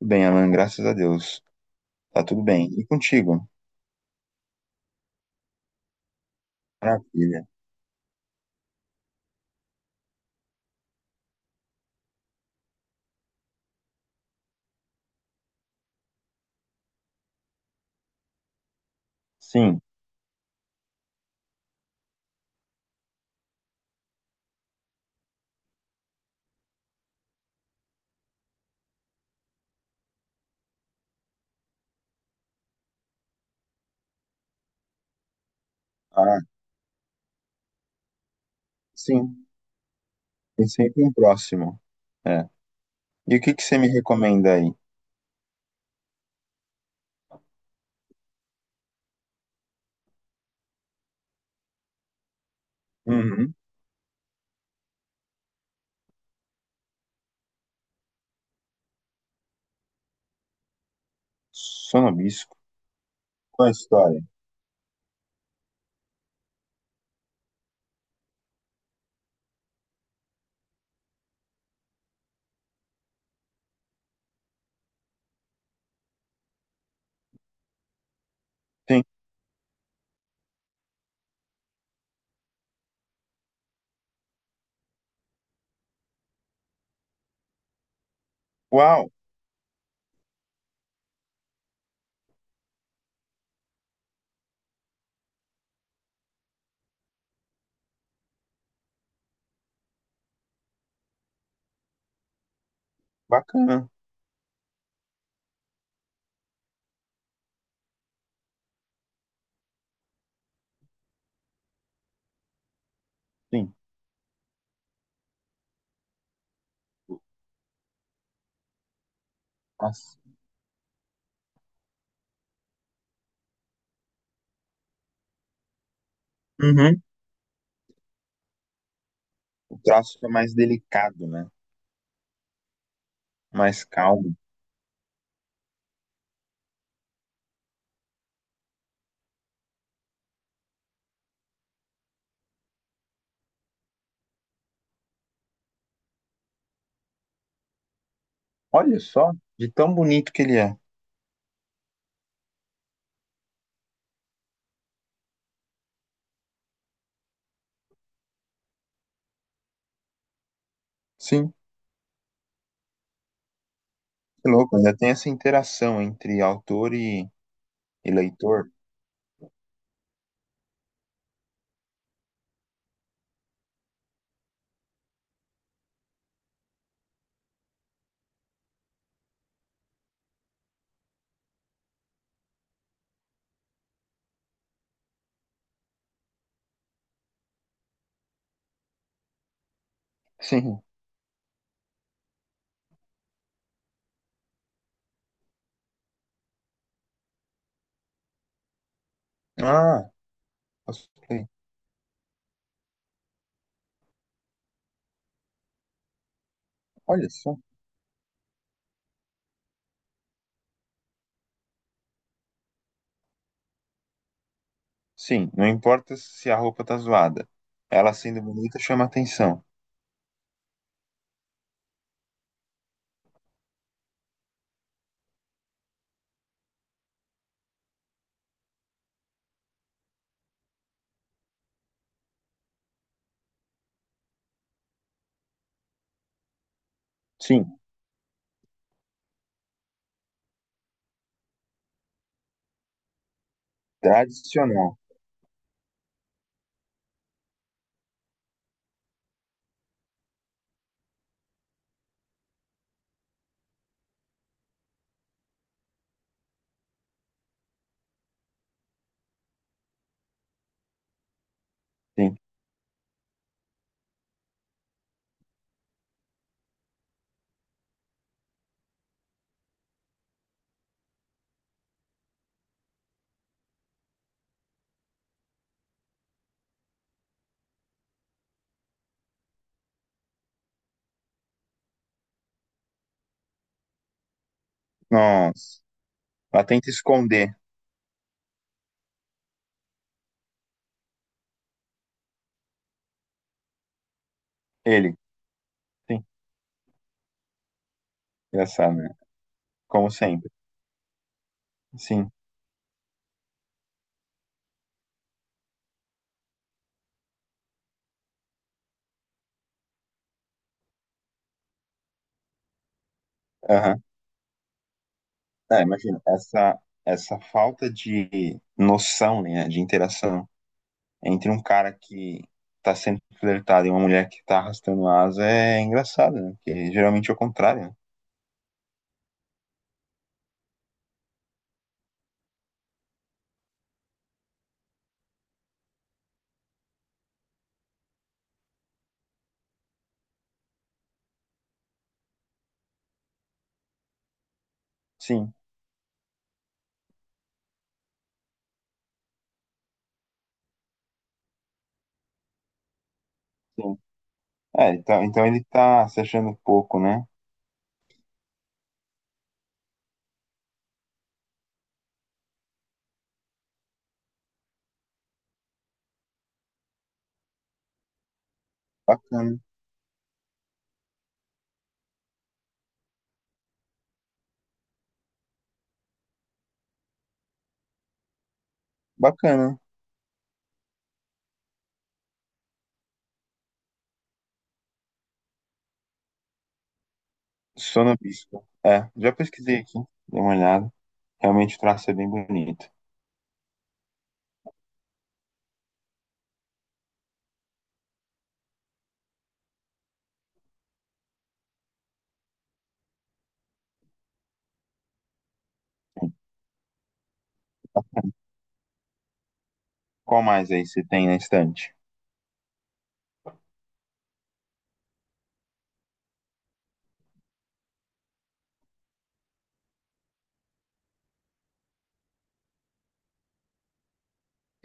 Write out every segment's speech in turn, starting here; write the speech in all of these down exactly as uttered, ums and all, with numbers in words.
Bem, Alan, graças a Deus. Tá tudo bem. E contigo? Maravilha. Sim. Ah, sim. Tem sempre um próximo. É. E o que que você me recomenda aí? Uhum. Sonobisco. Qual a história? Sim. Uau, bacana. Sim. Nossa. Uhum. O traço é mais delicado, né? Mais calmo. Olha só, de tão bonito que ele é. Sim, que louco. Ainda tem essa interação entre autor e, e leitor. Sim. Ah, gostei. Olha só. Sim, não importa se a roupa tá zoada. Ela sendo bonita chama atenção. Sim, tradicional. Sim. Nossa. Ela tenta esconder ele. Sim, engraçado, né? Como sempre. Sim. Aham. É, imagina, essa, essa falta de noção, né, de interação entre um cara que tá sendo flertado e uma mulher que tá arrastando asa é engraçado, né? Porque geralmente é o contrário, né? Sim, sim. É, então, então ele tá se achando pouco, né? Bacana. Bacana. Sono Bispo. É, já pesquisei aqui, dei uma olhada. Realmente o traço é bem bonito. Qual mais aí você tem na estante?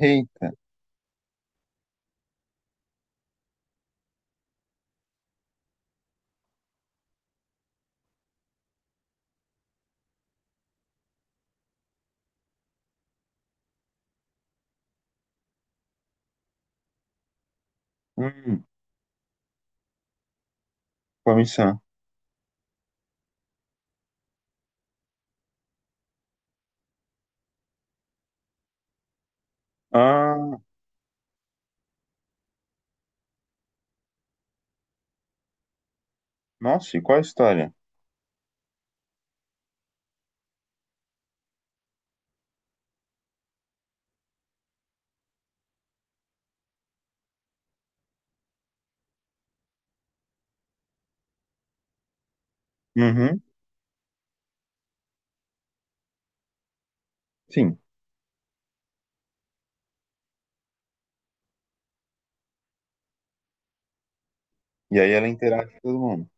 Eita. Hum, comissão. Ah, nossa, e qual a história? Uhum, sim. E aí ela interage com todo mundo.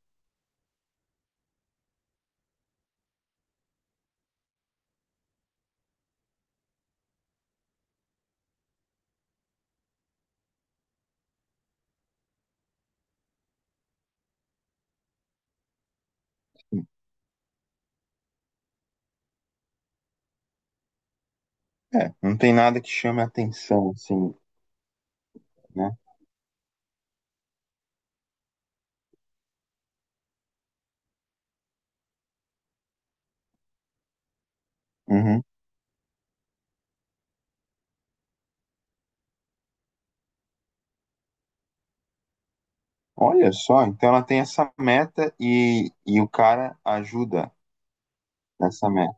É, não tem nada que chame a atenção, assim, né? Uhum. Olha só, então ela tem essa meta e, e o cara ajuda nessa meta.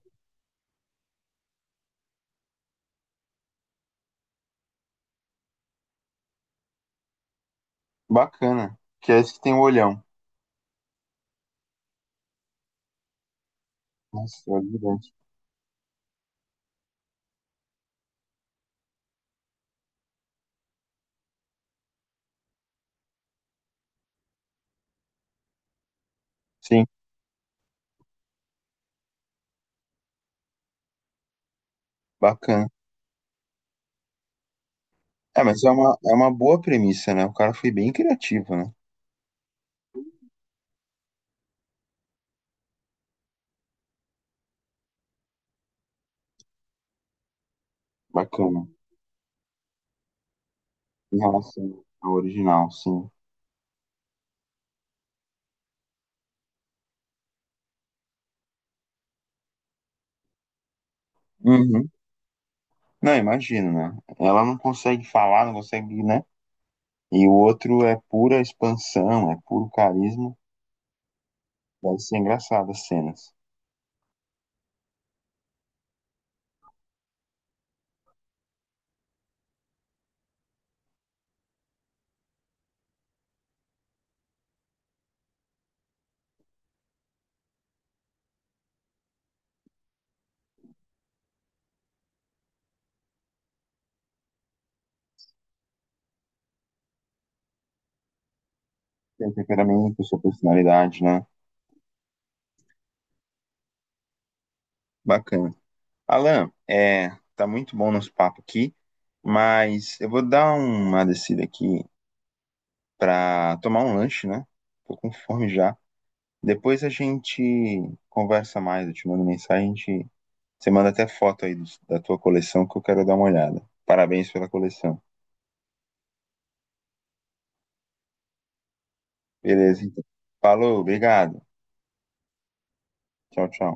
Bacana. Que é esse que tem o olhão. Nossa, ajuda. Sim, bacana. É, mas é uma, é uma boa premissa, né? O cara foi bem criativo, né? Bacana. Em relação ao original, sim. Uhum. Não, imagino, né? Ela não consegue falar, não consegue, né? E o outro é pura expansão, é puro carisma. Deve ser engraçado as cenas. Tem temperamento, sua personalidade, né? Bacana. Alan, é, tá muito bom nosso papo aqui, mas eu vou dar uma descida aqui pra tomar um lanche, né? Tô com fome já. Depois a gente conversa mais, eu te mando mensagem, a gente... você manda até foto aí dos- da tua coleção que eu quero dar uma olhada. Parabéns pela coleção. Beleza, então. Falou, obrigado. Tchau, tchau.